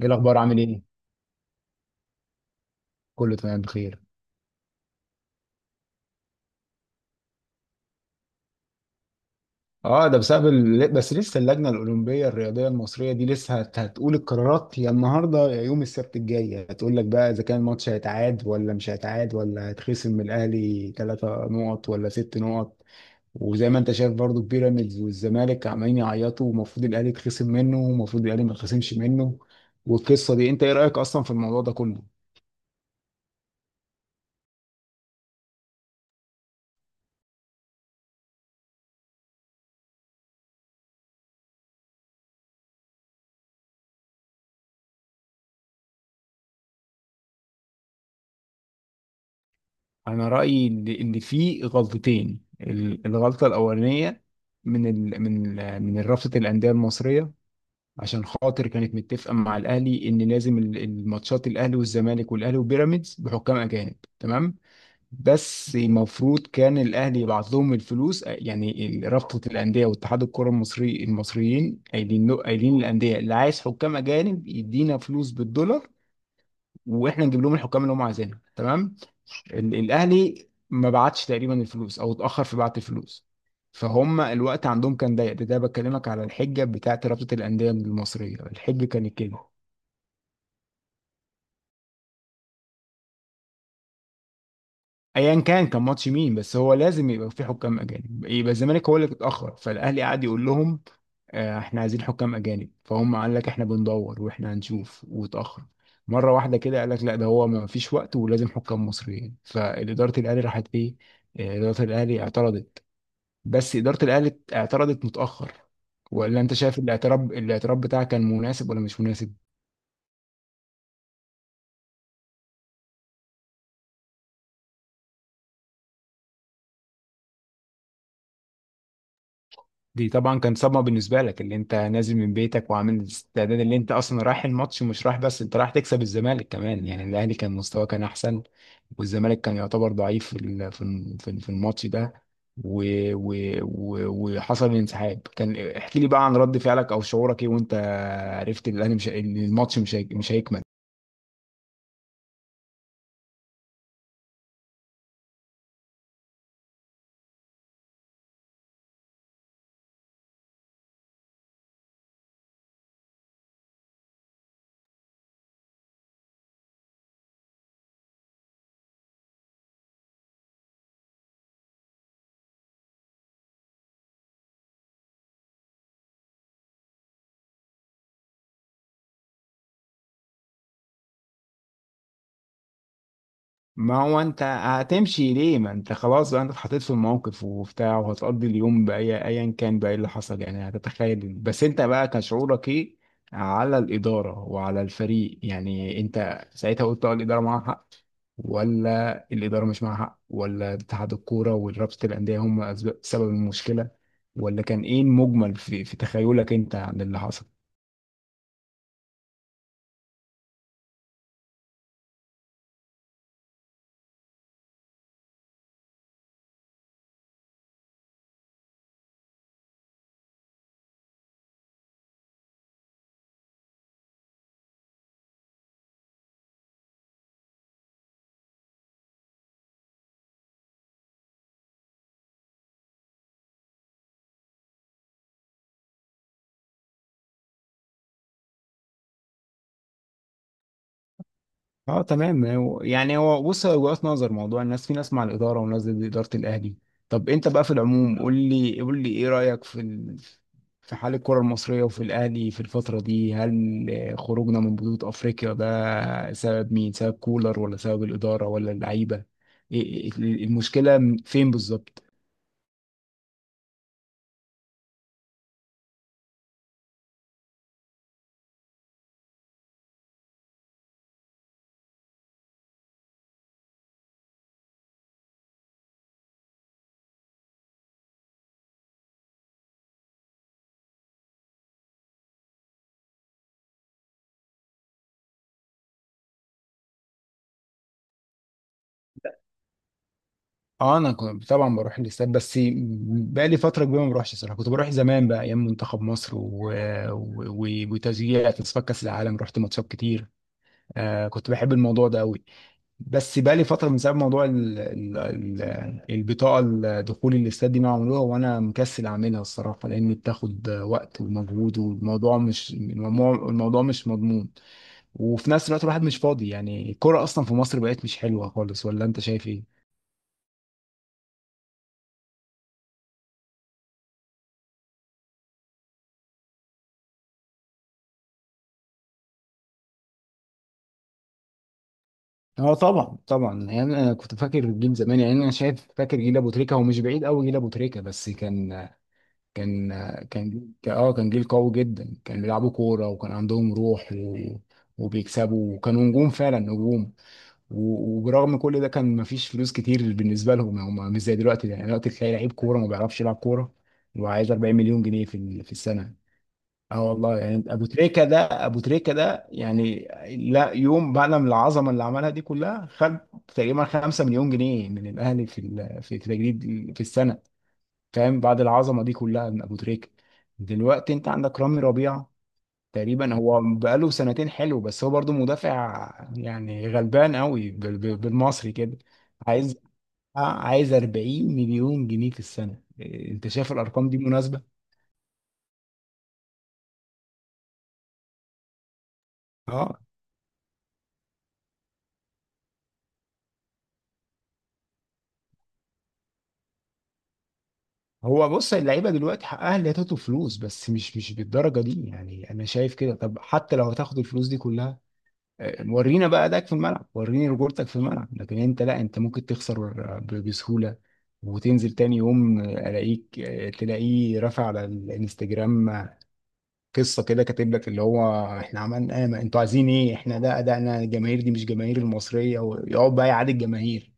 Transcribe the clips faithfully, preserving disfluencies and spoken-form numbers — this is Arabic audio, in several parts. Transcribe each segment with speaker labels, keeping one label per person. Speaker 1: ايه الاخبار؟ عامل ايه؟ كله تمام، بخير. اه، ده بسبب ال... بس لسه اللجنه الاولمبيه الرياضيه المصريه دي لسه هت... هتقول القرارات يا النهارده يا يوم السبت الجاي، هتقول لك بقى اذا كان الماتش هيتعاد ولا مش هيتعاد ولا هيتخصم من الاهلي ثلاثة نقط ولا ست نقط. وزي ما انت شايف برضو بيراميدز والزمالك عمالين يعيطوا، ومفروض الاهلي يتخصم منه ومفروض الاهلي ما يتخصمش منه. والقصه دي، انت ايه رايك اصلا في الموضوع ده كله؟ انا رايي ان إن في غلطتين، ال- الغلطه الاولانيه من ال من ال من رابطه الانديه المصريه، عشان خاطر كانت متفقه مع الاهلي ان لازم ال- الماتشات الاهلي والزمالك والاهلي وبيراميدز بحكام اجانب، تمام. بس المفروض كان الاهلي يبعت لهم الفلوس، يعني ال- رابطه الانديه واتحاد الكره المصري المصريين قايلين له، قايلين للانديه اللي عايز حكام اجانب يدينا فلوس بالدولار، واحنا نجيب لهم الحكام اللي هم عايزينها، تمام. ال- الاهلي ما بعتش تقريبا الفلوس، او اتاخر في بعت الفلوس، فهم الوقت عندهم كان ضيق. ده, ده بكلمك على الحجه بتاعت رابطه الانديه المصريه، الحجه كانت كده. ايا كان كان ماتش مين، بس هو لازم يبقى في حكام اجانب، يبقى الزمالك هو اللي اتاخر، فالاهلي قعد يقول لهم: آه، احنا عايزين حكام اجانب، فهم قال لك احنا بندور واحنا هنشوف، واتاخر مره واحده كده قال لك لا ده هو ما فيش وقت ولازم حكام مصريين، فاداره الاهلي راحت ايه؟ آه، اداره الاهلي اعترضت، بس إدارة الأهلي اعترضت متأخر. ولا أنت شايف الاعتراض، الاعتراض بتاعك كان مناسب ولا مش مناسب؟ دي طبعا كان صدمة بالنسبة لك، اللي أنت نازل من بيتك وعامل الاستعداد، اللي أنت أصلا رايح الماتش، مش رايح بس، أنت رايح تكسب الزمالك كمان، يعني الأهلي كان مستواه كان أحسن، والزمالك كان يعتبر ضعيف في ال- في الم- في ال- في الماتش ده. و... و... و... وحصل الانسحاب، كان احكي لي بقى عن رد فعلك أو شعورك إيه، وأنت عرفت الأهلي مش إن الماتش مش هي... مش هيكمل. ما هو انت هتمشي ليه؟ ما انت خلاص بقى، انت اتحطيت في الموقف وبتاع، وهتقضي اليوم باي، ايا كان بقى إيه اللي حصل، يعني هتتخيل، بس انت بقى كان شعورك ايه على الاداره وعلى الفريق؟ يعني انت ساعتها قلت اه الاداره معاها حق، ولا الاداره مش معاها حق، ولا اتحاد الكوره ورابطه الانديه هم أسب- سبب المشكله، ولا كان ايه المجمل في في تخيلك انت عن اللي حصل؟ اه تمام. هو- يعني هو بص، هو وجهات نظر موضوع، الناس في ناس مع الاداره وناس ضد اداره الاهلي. طب انت بقى في العموم، قول لي قول لي ايه رايك في ال... في حال الكره المصريه، وفي الاهلي في الفتره دي؟ هل خروجنا من بطوله افريقيا ده سبب مين؟ سبب كولر ولا سبب الاداره ولا اللعيبه؟ إيه- إيه- المشكله من- فين بالظبط؟ اه انا كنت طبعا بروح الاستاد، بس بقى لي فتره كبيره ما بروحش صراحه، كنت بروح زمان بقى ايام منتخب مصر و... و... و... وتشجيع تصفيات كاس العالم، رحت ماتشات كتير. آه كنت بحب الموضوع ده قوي، بس بقى لي فتره من سبب موضوع ال ال ال البطاقه الدخول الاستاد دي ما عملوها، وانا مكسل اعملها الصراحه، لان بتاخد وقت ومجهود، والموضوع مش الموضوع، الموضوع مش مضمون. وفي نفس الوقت الواحد مش فاضي، يعني الكوره اصلا في مصر بقت مش حلوه خالص، ولا انت شايف ايه؟ اه طبعا طبعا، يعني انا كنت فاكر جيل زمان، يعني انا شايف فاكر جيل ابو تريكه، هو مش بعيد قوي جيل ابو تريكه، بس كان كان كان كان- اه كان جيل قوي جدا، كان بيلعبوا كوره وكان عندهم روح و... وبيكسبوا وكانوا نجوم فعلا نجوم. و... وبرغم كل ده كان مفيش فلوس كتير بالنسبه لهم، يعني هم مش زي دلوقتي، يعني دلوقتي تلاقي لعيب كوره ما بيعرفش يلعب كوره وعايز اربعين مليون جنيه مليون جنيه في ال- في السنه. اه والله، يعني ابو تريكه ده ابو تريكه ده يعني لا يوم بعد من العظمه اللي عملها دي كلها، خد تقريبا خمسة مليون جنيه مليون جنيه من الاهلي في ال- في التجديد في السنه، فاهم؟ بعد العظمه دي كلها من ابو تريكه. دلوقتي انت عندك رامي ربيعه، تقريبا هو بقاله سنتين حلو، بس هو برضو مدافع، يعني غلبان قوي بال- بال- بالمصري كده. عايز عايز اربعين مليون جنيه مليون جنيه في السنه. إيه، انت شايف الارقام دي مناسبه؟ اه هو بص، اللعيبه دلوقتي حقها اللي هتاخد فلوس، بس مش مش بالدرجه دي، يعني انا شايف كده. طب حتى لو هتاخد الفلوس دي كلها، آه، ورينا بقى ادائك في الملعب، وريني رجولتك في الملعب، لكن انت لا، انت ممكن تخسر ب- بسهولة، وتنزل تاني يوم الاقيك آه، تلاقيه رافع على الانستجرام قصة كده، كاتب لك اللي هو احنا عملنا ايه، ما انتوا عايزين ايه، احنا ده ادائنا، الجماهير دي مش جماهير المصرية، ويقعد بقى يعادي الجماهير.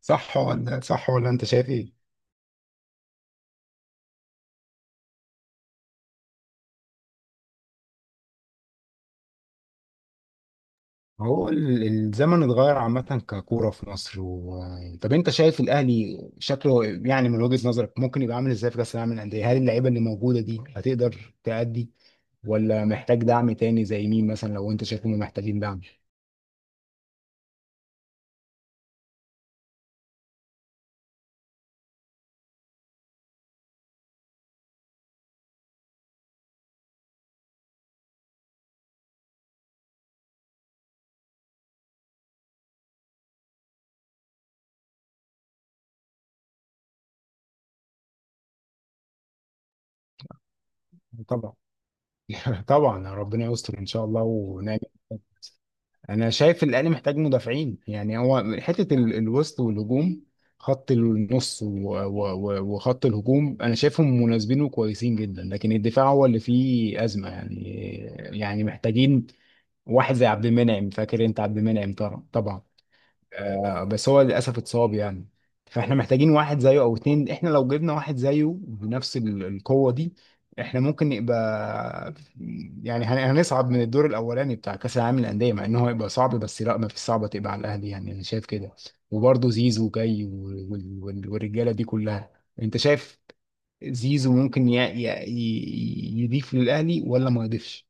Speaker 1: صح ولا صح، ولا انت شايف ايه؟ هو ال- الزمن اتغير عامة، ككورة في مصر و... طب انت شايف الاهلي شكله، يعني من وجهة نظرك، ممكن يبقى عامل ازاي في كأس العالم للأندية؟ هل اللعيبة اللي موجودة دي هتقدر تأدي، ولا محتاج دعم تاني زي مين مثلا لو انت شايفهم محتاجين دعم؟ طبعا طبعا ربنا يستر ان شاء الله ونعمل. انا شايف الاهلي محتاج مدافعين، يعني هو حته ال- الوسط والهجوم، خط النص و- و- و- وخط الهجوم انا شايفهم مناسبين وكويسين جدا، لكن الدفاع هو اللي فيه ازمه يعني. يعني محتاجين واحد زي عبد المنعم، فاكر انت عبد المنعم؟ طبعا طبعا. آه، بس هو للاسف اتصاب يعني، فاحنا محتاجين واحد زيه او اتنين، احنا لو جبنا واحد زيه بنفس ال- القوه دي احنا ممكن نبقى، يعني هن- هنصعد من الدور الاولاني بتاع كاس العالم للانديه، مع ان هو هيبقى صعب، بس لا ما فيش صعبه تبقى على الاهلي، يعني انا شايف كده. وبرضه زيزو جاي وال- وال- وال- والرجاله دي كلها. انت شايف زيزو ممكن ي- ي- ي- يضيف للاهلي ولا ما يضيفش؟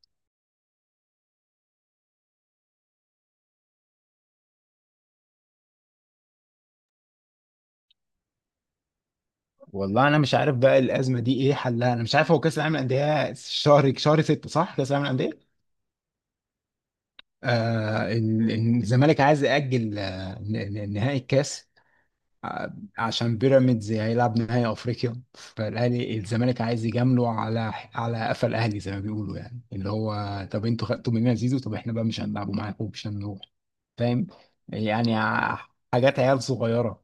Speaker 1: والله انا مش عارف بقى الازمه دي ايه حلها، انا مش عارف. هو كاس العالم للانديه شهر شهر 6 صح كاس العالم للانديه؟ آه ال- ال- الزمالك عايز ياجل آه، ن- ن- نهائي الكاس، آه، عشان بيراميدز هيلعب نهائي افريقيا، فالاهلي الزمالك عايز يجامله على على قفا الاهلي زي ما بيقولوا، يعني اللي هو طب انتوا خدتوا مننا زيزو، طب احنا بقى مش هنلعبه معاكم، مش هنروح، فاهم؟ يعني ع- حاجات عيال صغيرة.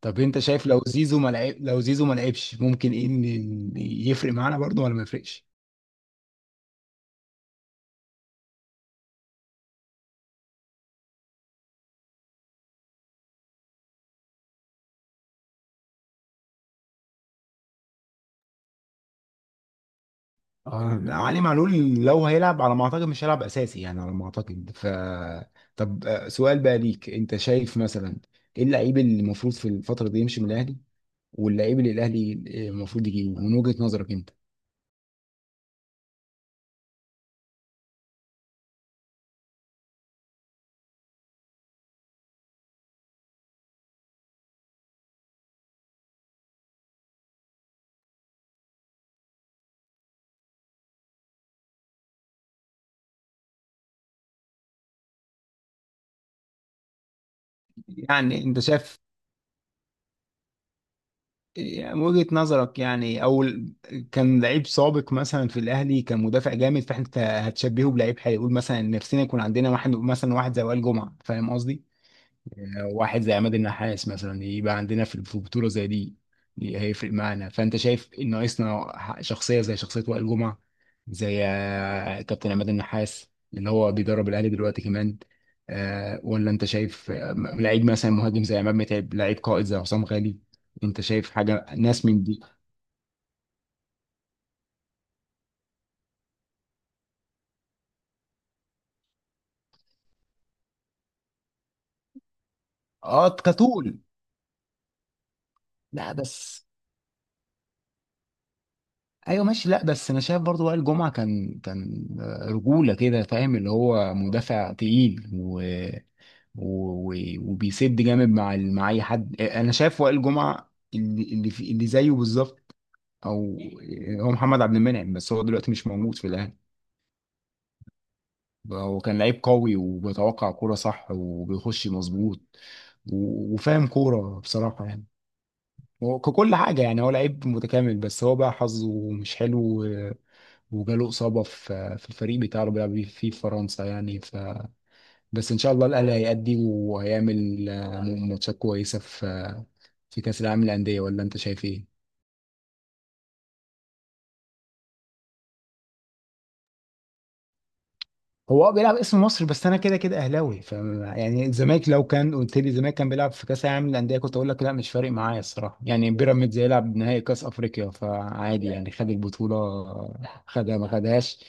Speaker 1: طب انت شايف لو زيزو ما لعب لو زيزو ما لعبش ممكن ايه ان- يفرق معانا برضه ولا ما يفرقش؟ اه علي معلول لو هيلعب على ما اعتقد مش هيلعب اساسي، يعني على ما اعتقد ف. طب آه، سؤال بقى ليك، انت شايف مثلا ايه اللعيب اللي المفروض في الفترة دي يمشي من الاهلي، واللعيب اللي الاهلي آه، المفروض يجيبه من وجهة نظرك انت؟ يعني انت شايف، يعني من وجهة نظرك، يعني او ال- كان لعيب سابق مثلا في الاهلي كان مدافع جامد، فاحنا هتشبهه بلعيب هيقول مثلا نفسنا يكون عندنا واحد مثلا واحد زي وائل جمعة، فاهم قصدي؟ واحد زي عماد النحاس مثلا، يبقى عندنا في في بطولة زي دي، دي هيفرق معانا، فأنت شايف إن ناقصنا شخصية زي شخصية وائل جمعة، زي آه، كابتن عماد النحاس اللي هو بيدرب الأهلي دلوقتي كمان، آه، ولا أنت شايف آه، لعيب مثلا مهاجم زي عماد متعب، لعيب قائد زي حسام غالي؟ أنت شايف حاجة ناس من دي؟ اه كطول، لا بس، ايوه ماشي. لا بس انا شايف برضو وائل جمعة كان كان آه، رجولة كده، فاهم؟ اللي هو مدافع تقيل و- و- وبيسد جامد مع ال- مع اي حد، انا شايف وائل جمعه اللي اللي في اللي زيه بالظبط، او هو محمد عبد المنعم، بس هو دلوقتي مش موجود في الاهلي. هو كان لعيب قوي وبيتوقع كوره صح وبيخش مظبوط و- وفاهم كوره بصراحه يعني، هو ككل حاجه يعني، هو لعيب متكامل بس هو بقى حظه مش حلو و- وجاله اصابه في في الفريق بتاعه اللي بيلعب فيه في فرنسا يعني. بس ان شاء الله الاهلي هيأدي وهيعمل آه، م- ماتشات كويسه في آه، في كاس العالم للانديه، ولا انت شايف ايه؟ هو اه بيلعب اسم مصر، بس انا كده كده اهلاوي، ف يعني الزمالك لو كان قلت لي الزمالك كان بيلعب في كاس العالم للانديه كنت اقول لك لا مش فارق معايا الصراحه، يعني بيراميدز هيلعب نهائي كاس افريقيا فعادي، يعني خد البطوله خدها ما خدهاش.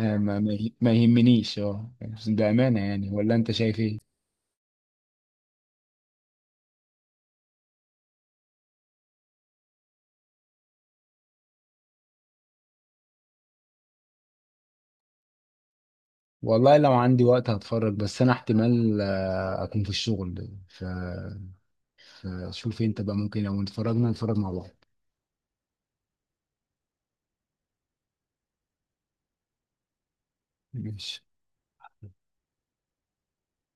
Speaker 1: آه، ما ما يه- ما يهمنيش اه، بامانه يعني، ولا انت شايف ايه؟ والله لو عندي وقت هتفرج، بس انا احتمال آه، اكون في الشغل. آه، شوف انت بقى ممكن لو اتفرجنا نتفرج مع بعض. ماشي،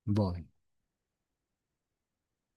Speaker 1: باي.